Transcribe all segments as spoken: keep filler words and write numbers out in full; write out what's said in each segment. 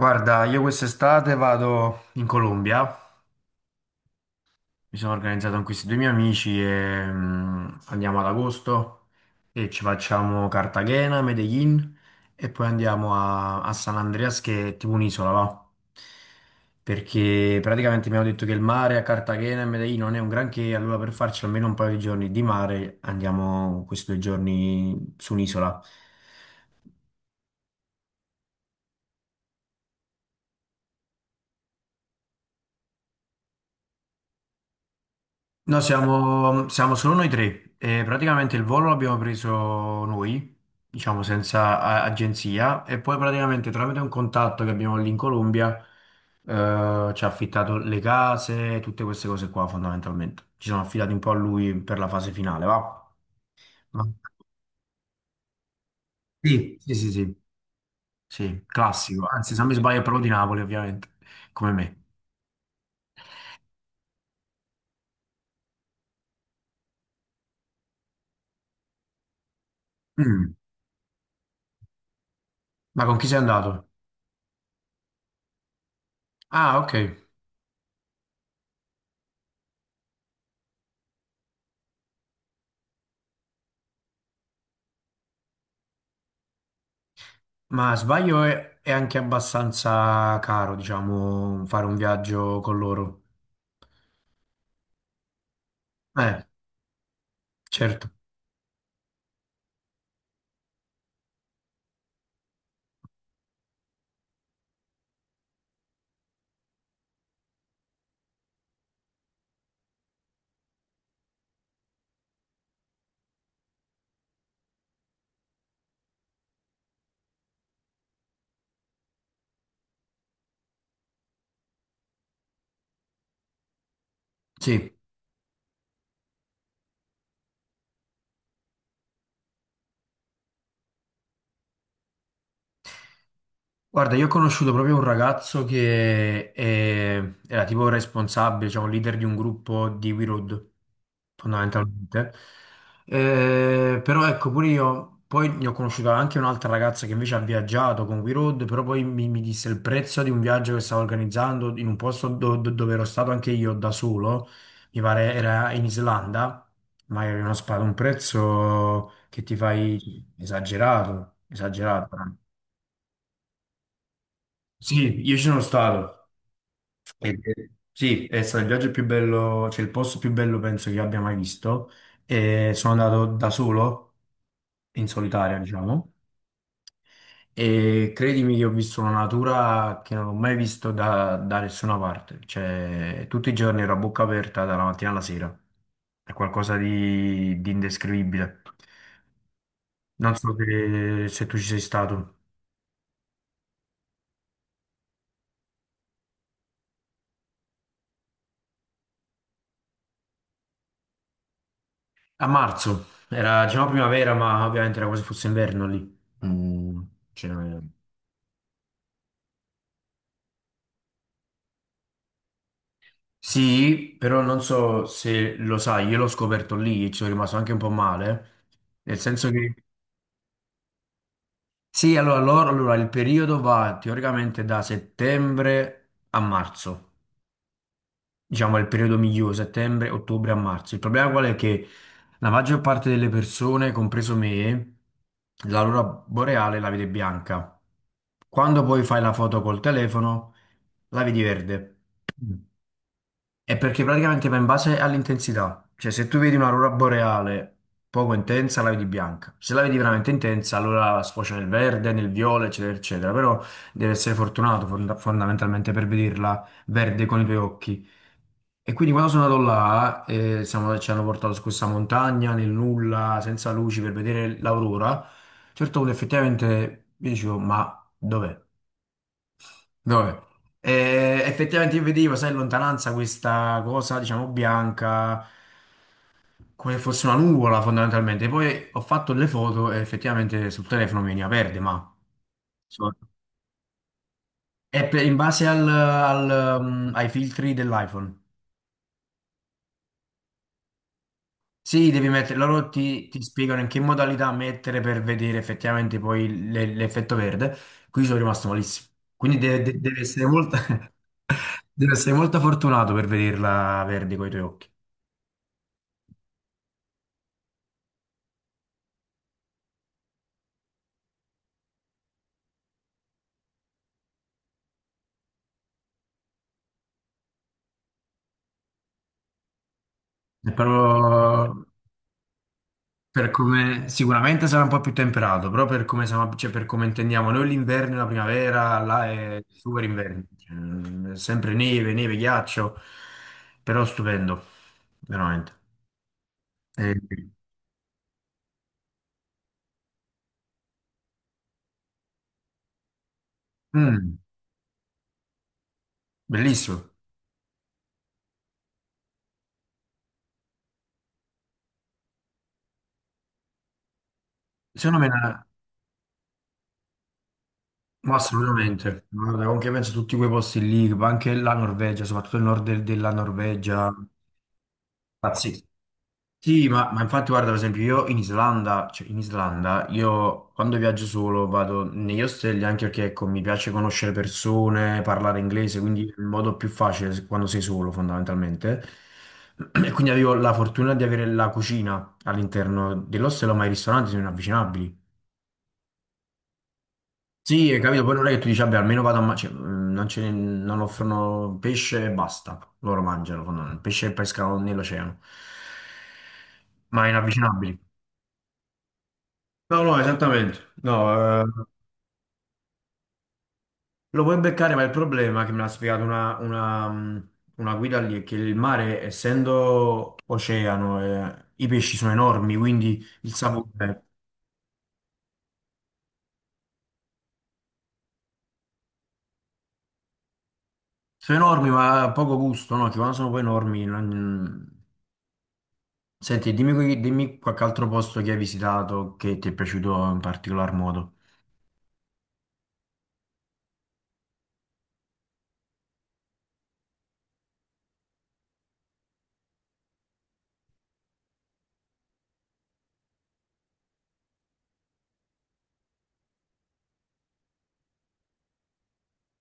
Guarda, io quest'estate vado in Colombia, mi sono organizzato con questi due miei amici e mm, andiamo ad agosto e ci facciamo Cartagena, Medellin e poi andiamo a, a San Andreas che è tipo un'isola, va? Perché praticamente abbiamo detto che il mare a Cartagena e Medellin non è un granché, allora per farci almeno un paio di giorni di mare andiamo questi due giorni su un'isola. No, siamo, siamo solo noi tre e praticamente il volo l'abbiamo preso noi, diciamo senza a- agenzia, e poi praticamente tramite un contatto che abbiamo lì in Colombia eh, ci ha affittato le case, tutte queste cose qua fondamentalmente. Ci siamo affidati un po' a lui per la fase finale, va? Ma- Sì, sì, sì, sì, sì, classico, anzi se non mi sbaglio è proprio di Napoli ovviamente, come me. Mm. Ma con chi sei andato? Ah, ok. Ma sbaglio è, è anche abbastanza caro, diciamo, fare un viaggio con loro. Eh, certo, sì. Guarda, io ho conosciuto proprio un ragazzo che è- era tipo responsabile, cioè un leader di un gruppo di WeRoad, fondamentalmente. Eh, però ecco, pure io, poi ne ho conosciuto anche un'altra ragazza che invece ha viaggiato con WeRoad, però poi mi, mi disse il prezzo di un viaggio che stavo organizzando in un posto do- do- dove ero stato anche io da solo, mi pare era in Islanda, ma era uno spa- un prezzo che ti fai cioè, esagerato, esagerato. Sì, io ci sono stato. E- e- sì, è stato il viaggio più bello, cioè il posto più bello penso che abbia mai visto. E sono andato da solo, in solitaria, diciamo. E credimi che ho visto una natura che non ho mai visto da, da nessuna parte. Cioè, tutti i giorni ero a bocca aperta dalla mattina alla sera. È qualcosa di, di indescrivibile. Non so se se tu ci sei stato. A marzo, era diciamo primavera, ma ovviamente era quasi fosse inverno lì. Mm, cioè. Sì, però non so se lo sai, io l'ho scoperto lì e ci sono rimasto anche un po' male, nel senso che... Sì, allora, loro- allora, il periodo va teoricamente da settembre a marzo, diciamo è il periodo migliore, settembre, ottobre a marzo. Il problema qual è che la maggior parte delle persone, compreso me, l'aurora boreale la vede bianca. Quando poi fai la foto col telefono, la vedi verde. Mm. È perché praticamente va in base all'intensità. Cioè, se tu vedi un'aurora boreale poco intensa, la vedi bianca. Se la vedi veramente intensa, allora sfocia nel verde, nel viola, eccetera, eccetera. Però devi essere fortunato fond- fondamentalmente per vederla verde con i tuoi occhi. E quindi quando sono andato là, eh, siamo- ci hanno portato su questa montagna, nel nulla, senza luci, per vedere l'aurora. A un certo punto effettivamente io dicevo, ma dov'è? Dove? Eh, effettivamente io vedevo, sai, in lontananza questa cosa, diciamo, bianca, come fosse una nuvola fondamentalmente. Poi ho fatto le foto e effettivamente sul telefono veniva verde, ma insomma, è per- in base al- al, um, ai filtri dell'iPhone. Sì, devi mettere, loro ti, ti spiegano in che modalità mettere per vedere effettivamente poi le- l'effetto verde. Qui sono rimasto malissimo. Quindi deve, de- deve essere molto, deve essere molto fortunato per vederla verde con i tuoi occhi. È proprio per come sicuramente sarà un po' più temperato, però per come, siamo- cioè, per come intendiamo noi l'inverno e la primavera, là è super inverno. Cioè, è sempre neve, neve, ghiaccio, però stupendo, veramente. E- mm, bellissimo. Secondo me, è una- ma assolutamente, guarda, anche penso a tutti quei posti lì, ma anche la Norvegia, soprattutto il nord del- della Norvegia, pazzesco. Sì, ma, ma infatti guarda, per esempio io in Islanda, cioè in Islanda, io quando viaggio solo vado negli ostelli anche perché ecco, mi piace conoscere persone, parlare inglese, quindi è il modo più facile se- quando sei solo fondamentalmente. E quindi avevo la fortuna di avere la cucina all'interno dell'ostello, ma i ristoranti sono inavvicinabili. Sì, hai capito, poi non è che tu dici, vabbè, almeno vado a mangiare, non, ce ne- non offrono pesce e basta, loro mangiano, fondamentalmente, pesce e pescano nell'oceano, ma inavvicinabili. No, no, esattamente. No, eh, lo puoi beccare, ma il problema che me l'ha spiegato una, una, mh, una guida lì è che il mare, essendo oceano, eh, i pesci sono enormi, quindi il sapore sono enormi, ma poco gusto, no? Che quando sono poi enormi. non- mm. Senti, dimmi, qui- dimmi qualche altro posto che hai visitato che ti è piaciuto in particolar modo.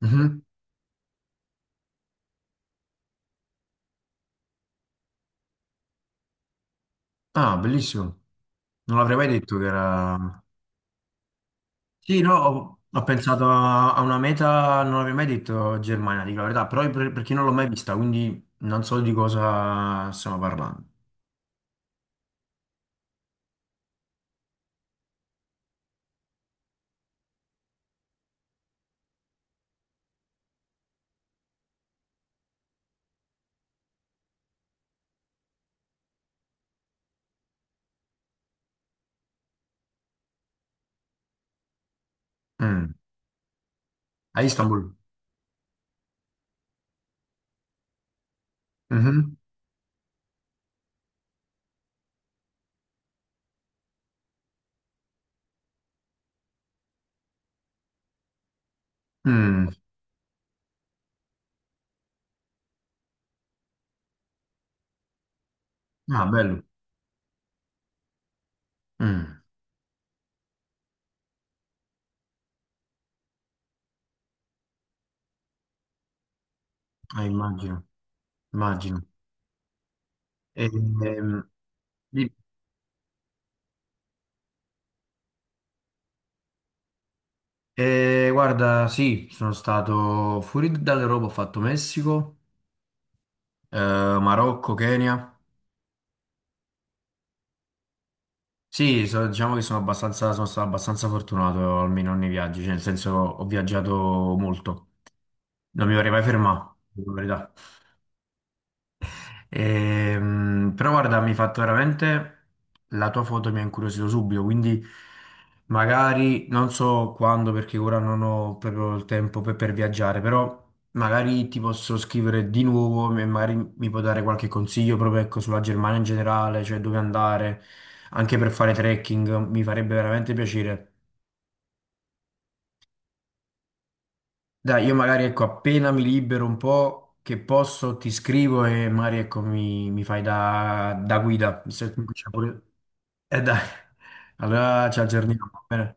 Mhm. Ah, bellissimo. Non l'avrei mai detto che era. Sì, no, ho, ho pensato a, a una meta, non avrei mai detto Germania, dico la verità, però per- perché non l'ho mai vista, quindi non so di cosa stiamo parlando. Mm. A Istanbul? Mhm. Mm. Ah, bello. Mm. Ah, immagino, immagino. E, ehm, di- eh, guarda, sì, sono stato fuori dall'Europa, ho fatto Messico, eh, Marocco, Kenya. Sì, so- diciamo che sono abbastanza, sono stato abbastanza fortunato almeno nei viaggi, cioè nel senso ho viaggiato molto. Non mi vorrei mai fermato, dico la verità. Ehm, però guarda, mi hai fatto veramente... La tua foto mi ha incuriosito subito, quindi magari non so quando, perché ora non ho proprio il tempo per, per viaggiare, però magari ti posso scrivere di nuovo e magari mi puoi dare qualche consiglio proprio ecco, sulla Germania in generale, cioè dove andare, anche per fare trekking, mi farebbe veramente piacere. Dai, io magari ecco, appena mi libero un po', che posso, ti scrivo e magari ecco, mi, mi fai da, da guida. Visto che comunque c'è pure... Eh dai, allora ci aggiorniamo. Va bene?